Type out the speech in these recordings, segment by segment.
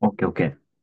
オッケーオッケー。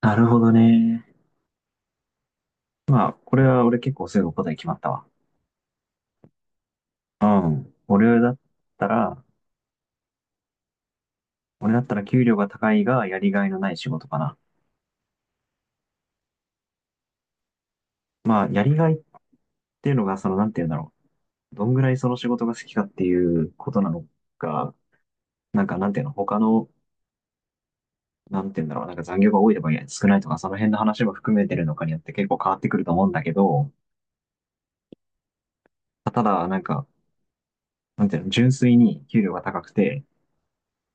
なるほどね。まあ、これは俺結構すぐ答え決まったわ。うん。たら、俺だったら給料が高いがやりがいのない仕事かな。まあ、やりがいっていうのが、その、なんて言うんだろう。どんぐらいその仕事が好きかっていうことなのか、なんか、なんていうの、他の、なんて言うんだろう。なんか残業が多いとか少ないとか、その辺の話も含めてるのかによって結構変わってくると思うんだけど、ただ、なんか、なんていうの、純粋に給料が高くて、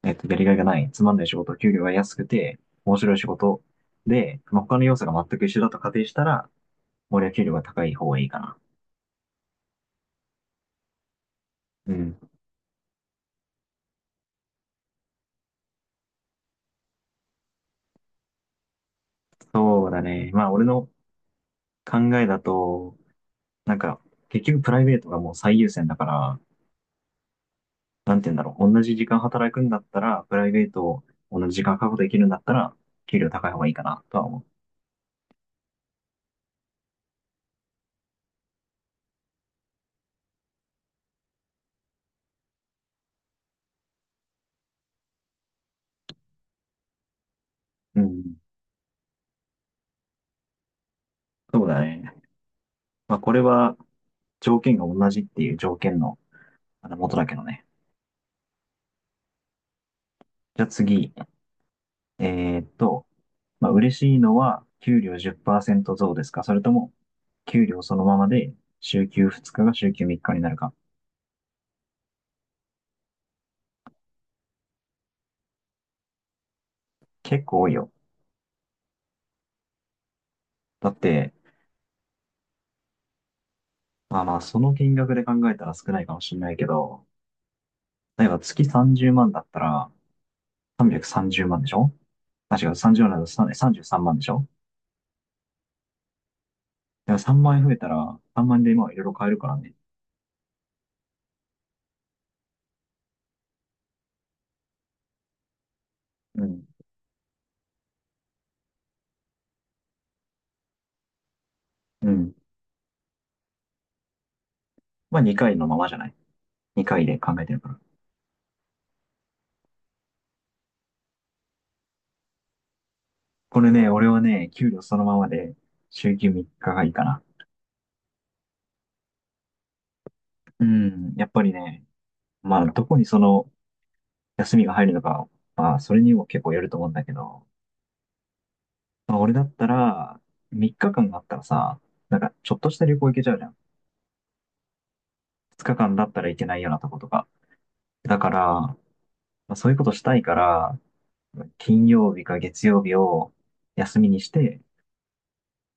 やりがいがない、つまんない仕事、給料が安くて、面白い仕事で、まあ、他の要素が全く一緒だと仮定したら、俺は給料が高い方がいいかな。うん。そうだね。まあ、俺の考えだと、なんか、結局プライベートがもう最優先だから、なんて言うんだろう。同じ時間働くんだったら、プライベートを同じ時間確保できるんだったら、給料高い方がいいかな、とは思う。うん。そうだね。まあ、これは条件が同じっていう条件のあの元だけどね。じゃあ次。えーっと、まあ、嬉しいのは給料10%増ですか、それとも給料そのままで週休2日が週休3日になるか。結構多いよ。だって、まあまあその金額で考えたら少ないかもしれないけど、例えば月30万だったら330万でしょ。あ、違う、30万だと3 33万でしょ。でも3万円増えたら3万円で今いろいろ買えるからね。うん。うん。まあ2回のままじゃない ?2 回で考えてるから。これね、俺はね、給料そのままで週休3日がいいかな。うん、やっぱりね、まあ、どこにその休みが入るのか、まあ、それにも結構よると思うんだけど、まあ、俺だったら、3日間あったらさ、なんか、ちょっとした旅行行けちゃうじゃん。2日間だったら行けないようなとことか。だから、まあ、そういうことしたいから、金曜日か月曜日を休みにして、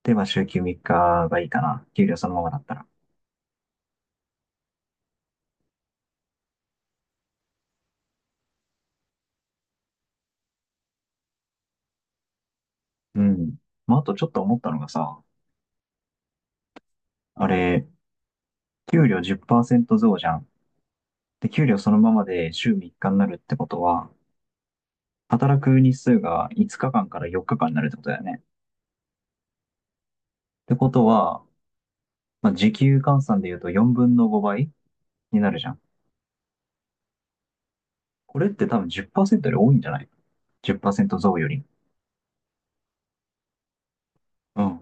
で、まあ、週休3日がいいかな。給料そのままだったら。うん。まあ、あとちょっと思ったのがさ、あれ、給料10%増じゃん。で、給料そのままで週3日になるってことは、働く日数が5日間かんから4日間になるってことだよね。ってことは、まあ、時給換算で言うと4分の5倍になるじゃん。これって多分10%より多いんじゃない ?10% 増より。うん。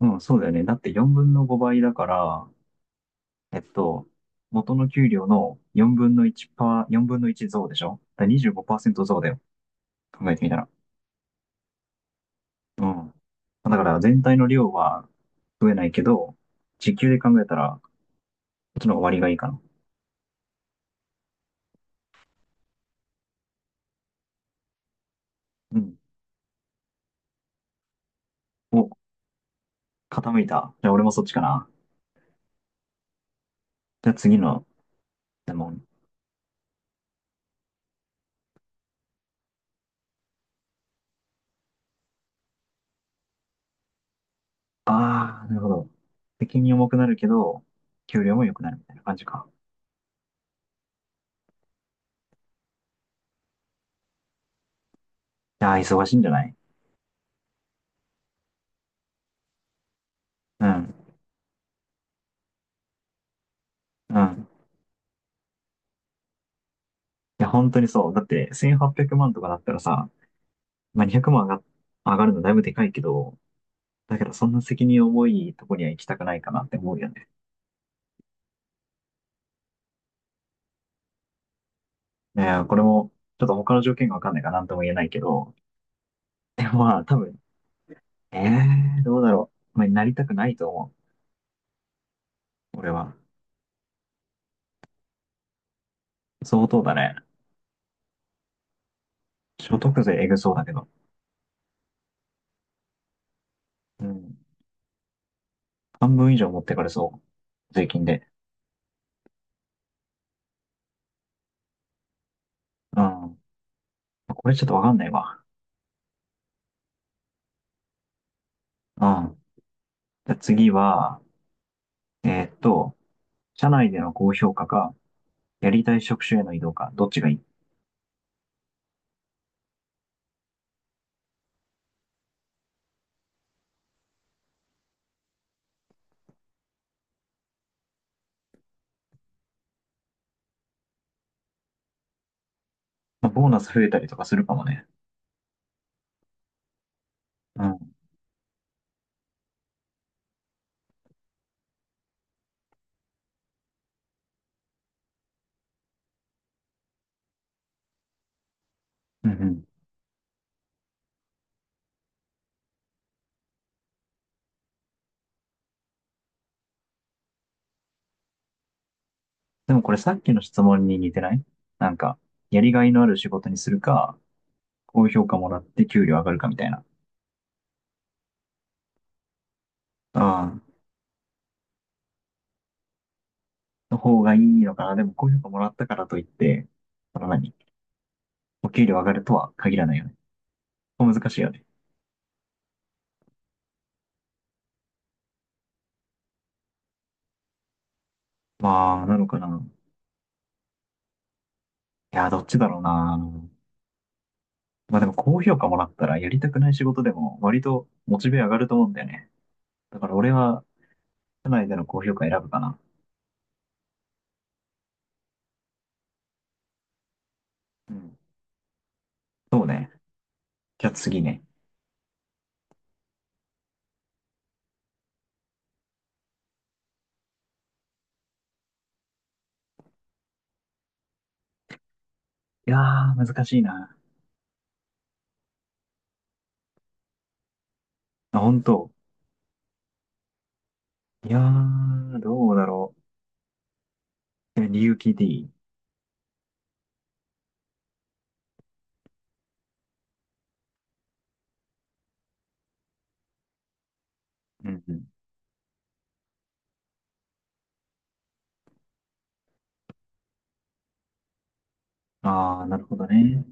うん、そうだよね。だって4分の5倍だから、えっと、元の給料の4分の1パー、分の1増でしょ。だから25%増だよ。考えてみたら。うん。だから全体の量は増えないけど、時給で考えたらっちの方が割がいいかな。うん。お、傾いた。じゃあ俺もそっちかな。じゃあ次の質問。ああ、なるほど。責任重くなるけど、給料も良くなるみたいな感じか。いやー、忙しいんじゃない？うん、うん。いや、本当にそう。だって、1800万とかだったらさ、まあ、200万上がるのだいぶでかいけど、だけど、そんな責任重いとこには行きたくないかなって思うよね。いやー、これも、ちょっと他の条件がわかんないから何とも言えないけど、でもまあ、多分、ええー、どうだろう。まあ、なりたくないと思う。俺は。相当だね。所得税えぐそうだけど。うん。半分以上持ってかれそう。税金で。うん。これちょっとわかんないわ。うん。じゃあ次は、えーっと、社内での高評価か、やりたい職種への移動か、どっちがいい？まあボーナス増えたりとかするかもね。うん。うんうん。でもこれさっきの質問に似てない？なんか、やりがいのある仕事にするか、高評価もらって給料上がるかみたいな。うん。の方がいいのかな。でも高評価もらったからといって、その何お給料上がるとは限らないよね。難しいよね。まあ、なのかな。いや、どっちだろうな。まあでも高評価もらったらやりたくない仕事でも割とモチベ上がると思うんだよね。だから俺は社内での高評価選ぶかな。うん。そうね。じゃあ次ね。いやー、難しいな。あ、本当。いやー、どうだろう。え、理由聞いていい？うんうん。あー、なるほどね。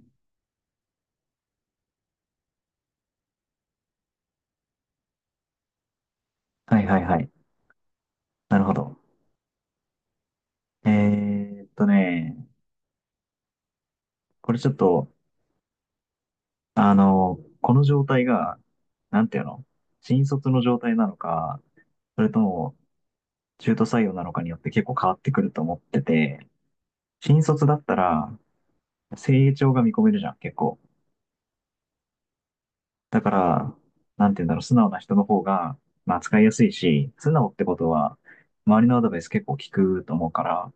はいはいはい。なるほど。えーっとね、これちょっとあの、この状態が、なんていうの、新卒の状態なのか、それとも中途採用なのかによって結構変わってくると思ってて、新卒だったら成長が見込めるじゃん、結構。だから、なんていうんだろう、素直な人の方が、まあ使いやすいし、素直ってことは、周りのアドバイス結構聞くと思うから、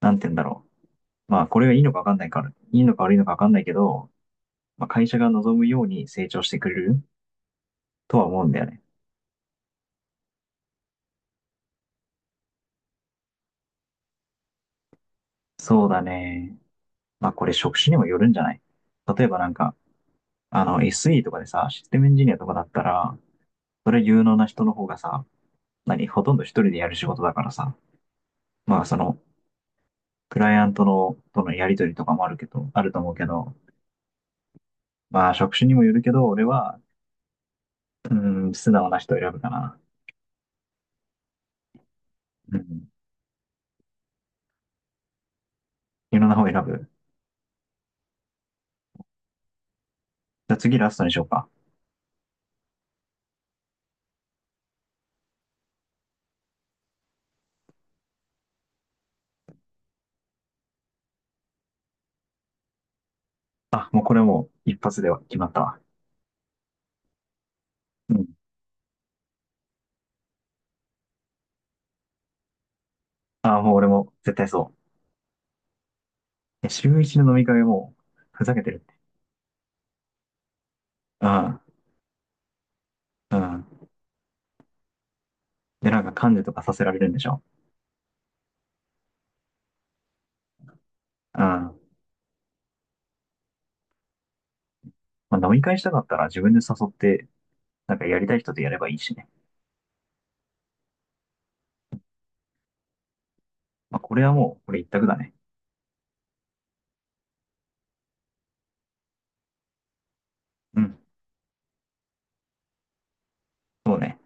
なんていうんだろう。まあこれがいいのかわかんないから、いいのか悪いのかわかんないけど、まあ会社が望むように成長してくれるとは思うんだよね。そうだね。まあこれ職種にもよるんじゃない？例えばなんか、あの SE とかでさ、システムエンジニアとかだったら、それ有能な人の方がさ、何、ほとんど一人でやる仕事だからさ、まあその、クライアントの、とのやりとりとかもあるけど、あると思うけど、まあ職種にもよるけど、俺は、うーん、素直な人を選ぶかな。うん。有能な方を選ぶ。じゃあ次ラストにしようか。あ、もうこれもう一発では決まったわ。うん。あ、もう俺も絶対そう。え、週一の飲み会も、ふざけてるって。うん。うん。で、なんか噛んでとかさせられるんでしょ？うん。まあ、飲み会したかったら自分で誘って、なんかやりたい人とやればいいしね。まあ、これはもう、これ一択だね。うん。そうね。